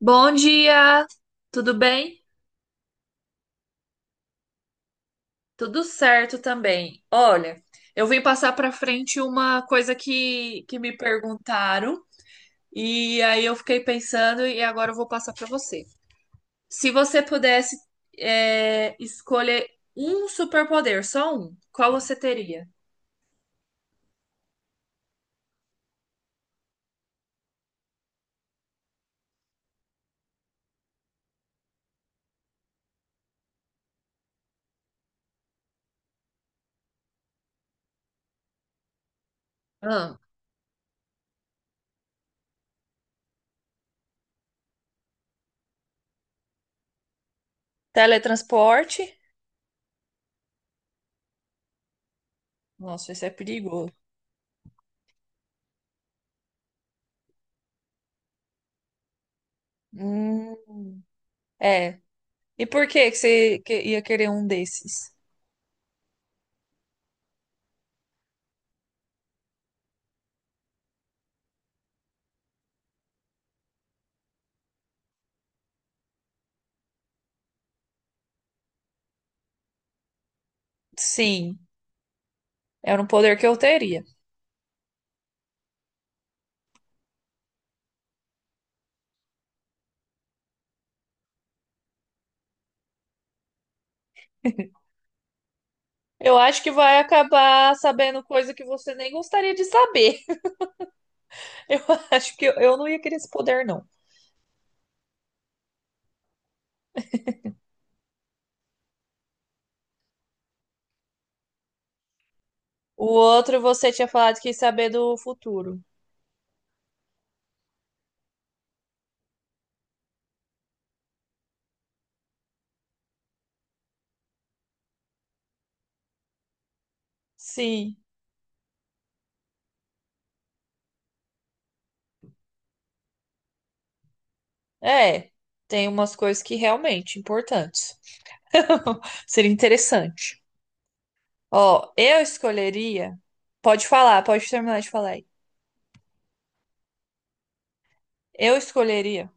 Bom dia, tudo bem? Tudo certo também. Olha, eu vim passar para frente uma coisa que me perguntaram e aí eu fiquei pensando e agora eu vou passar para você. Se você pudesse escolher um superpoder, só um, qual você teria? Ah, teletransporte? Nossa, isso é perigoso. Hum, é. E por que que você ia querer um desses? Sim, era um poder que eu teria. Eu acho que vai acabar sabendo coisa que você nem gostaria de saber. Eu acho que eu não ia querer esse poder, não. O outro, você tinha falado que ia saber do futuro. Sim, é. Tem umas coisas que realmente importantes. Seria interessante. Ó, eu escolheria. Pode falar, pode terminar de falar aí. Eu escolheria.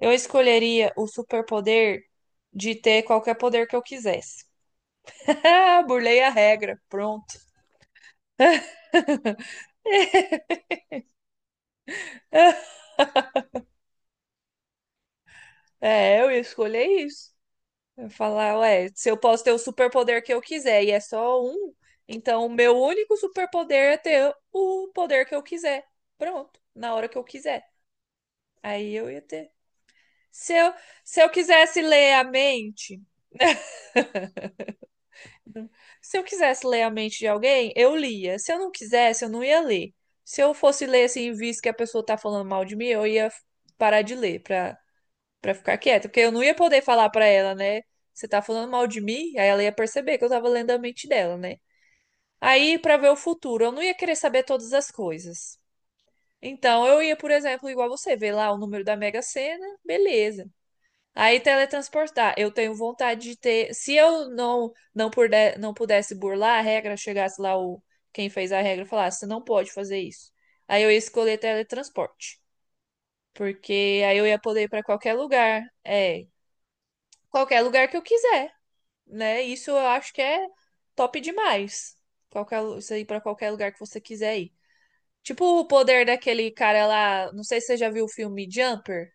Eu escolheria o superpoder de ter qualquer poder que eu quisesse. Ah, burlei a regra. Pronto. É, eu ia escolher isso. Eu ia falar, ué, se eu posso ter o superpoder que eu quiser e é só um, então o meu único superpoder é ter o poder que eu quiser. Pronto, na hora que eu quiser. Aí eu ia ter. Se eu, se eu quisesse ler a mente, se eu quisesse ler a mente de alguém, eu lia. Se eu não quisesse, eu não ia ler. Se eu fosse ler assim, visto que a pessoa tá falando mal de mim, eu ia parar de ler pra pra ficar quieta, porque eu não ia poder falar pra ela, né? Você tá falando mal de mim? Aí ela ia perceber que eu tava lendo a mente dela, né? Aí, pra ver o futuro, eu não ia querer saber todas as coisas. Então, eu ia, por exemplo, igual você, ver lá o número da Mega Sena, beleza. Aí, teletransportar. Eu tenho vontade de ter. Se eu não puder, não pudesse burlar a regra, chegasse lá o quem fez a regra e falasse, você não pode fazer isso. Aí eu ia escolher teletransporte. Porque aí eu ia poder ir pra qualquer lugar. É, qualquer lugar que eu quiser, né? Isso eu acho que é top demais. Qualquer, isso aí pra qualquer lugar que você quiser ir. Tipo o poder daquele cara lá, não sei se você já viu o filme Jumper.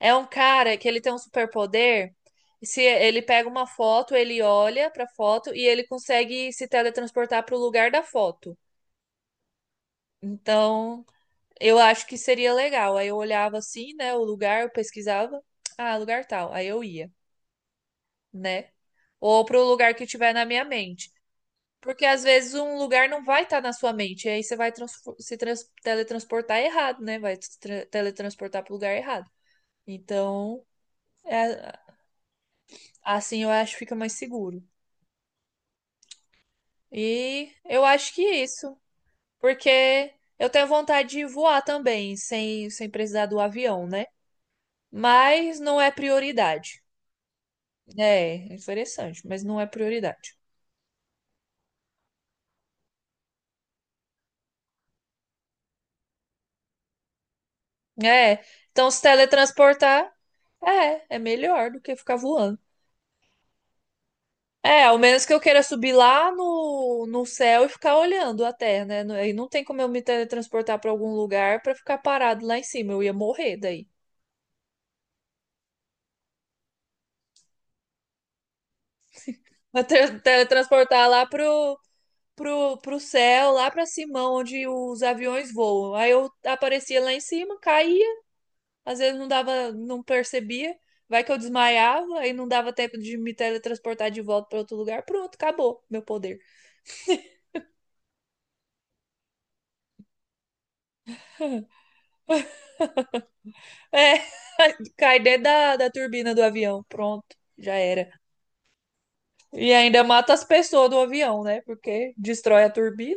É um cara que ele tem um superpoder. Se ele pega uma foto, ele olha pra foto e ele consegue se teletransportar pro lugar da foto. Então, eu acho que seria legal. Aí eu olhava assim, né, o lugar, eu pesquisava, ah, lugar tal, aí eu ia, né? Ou pro lugar que tiver na minha mente. Porque às vezes um lugar não vai estar na sua mente, e aí você vai transfor- se trans- teletransportar errado, né? Vai se tra- teletransportar para o lugar errado. Então, é- assim eu acho que fica mais seguro. E eu acho que isso, porque eu tenho vontade de voar também, sem precisar do avião, né? Mas não é prioridade. É, é interessante, mas não é prioridade. É, então se teletransportar, é melhor do que ficar voando. É, ao menos que eu queira subir lá no céu e ficar olhando a Terra, né? Aí não tem como eu me teletransportar para algum lugar para ficar parado lá em cima. Eu ia morrer daí. Mas teletransportar lá pro céu, lá para cima, onde os aviões voam. Aí eu aparecia lá em cima, caía, às vezes não dava, não percebia. Vai que eu desmaiava, aí não dava tempo de me teletransportar de volta para outro lugar. Pronto, acabou meu poder. É, cai dentro da turbina do avião. Pronto, já era. E ainda mata as pessoas do avião, né? Porque destrói a turbina.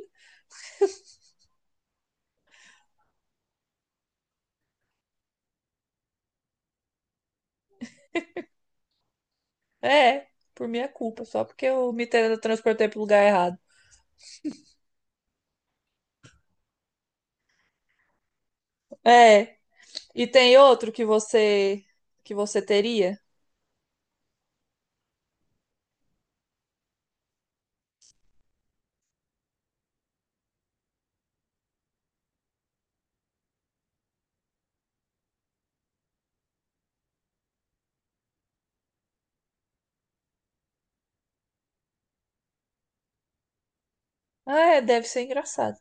É, por minha culpa, só porque eu me transportei pro lugar errado. É. E tem outro que você teria? Ah, é, deve ser engraçado.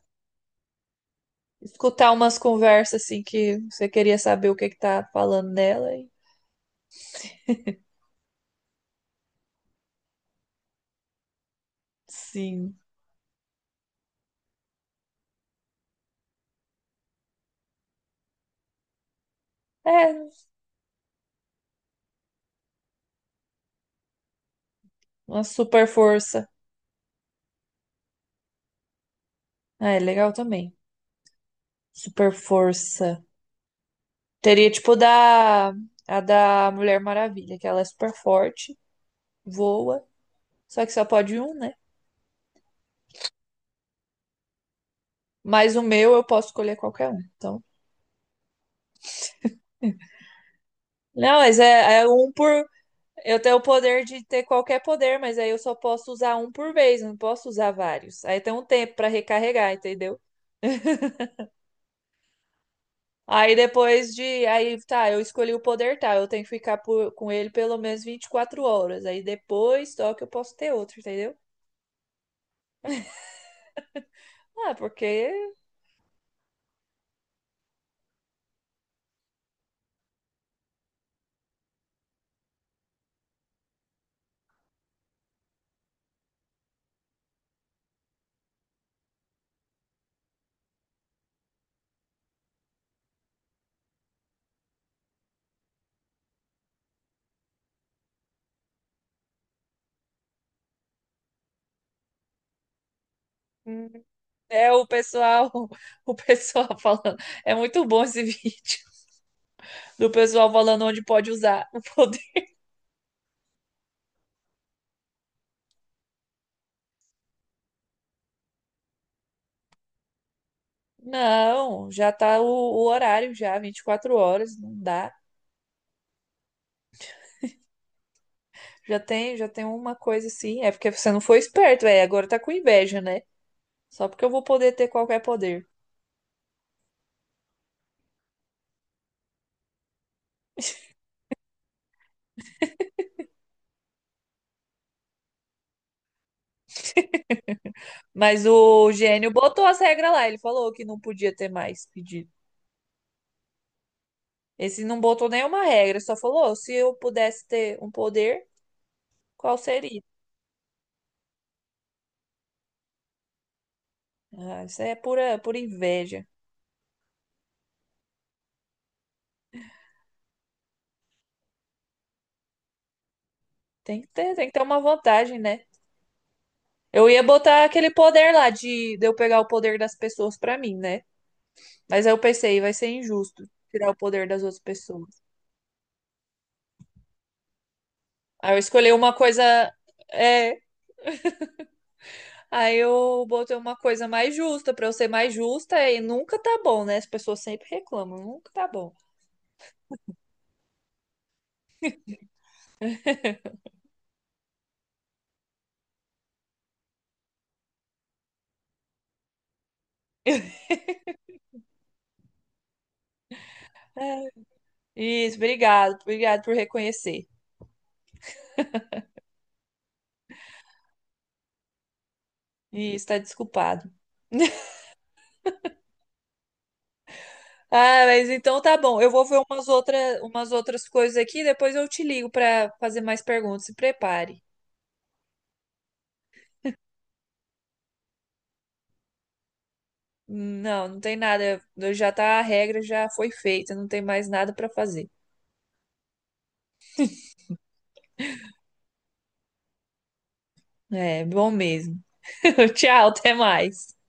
Escutar umas conversas assim que você queria saber o que que tá falando nela e sim. É, uma super força. Ah, é legal também. Super força. Teria tipo da a da Mulher Maravilha, que ela é super forte, voa. Só que só pode um, né? Mas o meu eu posso escolher qualquer um. Então. Não, mas é, é um por. Eu tenho o poder de ter qualquer poder, mas aí eu só posso usar um por vez, não posso usar vários. Aí tem um tempo pra recarregar, entendeu? Aí depois de. Aí tá, eu escolhi o poder tal, eu tenho que ficar com ele pelo menos 24 horas. Aí depois só que eu posso ter outro, entendeu? Ah, porque hum, é o pessoal, o pessoal falando. É muito bom esse vídeo do pessoal falando onde pode usar o poder. Não, já tá o horário já, 24 horas, não dá. Já tem uma coisa assim. É porque você não foi esperto, é, agora tá com inveja, né? Só porque eu vou poder ter qualquer poder. Mas o gênio botou as regras lá, ele falou que não podia ter mais pedido. Esse não botou nenhuma regra, só falou, se eu pudesse ter um poder, qual seria? Ah, isso é pura, pura inveja. Tem que ter uma vantagem, né? Eu ia botar aquele poder lá de eu pegar o poder das pessoas pra mim, né? Mas aí eu pensei, vai ser injusto tirar o poder das outras pessoas. Aí eu escolhi uma coisa. É, aí eu botei uma coisa mais justa pra eu ser mais justa e nunca tá bom, né? As pessoas sempre reclamam, nunca tá bom. É, isso, obrigado, obrigado por reconhecer. Isso, tá desculpado. Ah, mas então tá bom. Eu vou ver umas outras coisas aqui, depois eu te ligo pra fazer mais perguntas. Se prepare. Não, não tem nada. Já tá, a regra já foi feita, não tem mais nada pra fazer. É bom mesmo. Tchau, até mais.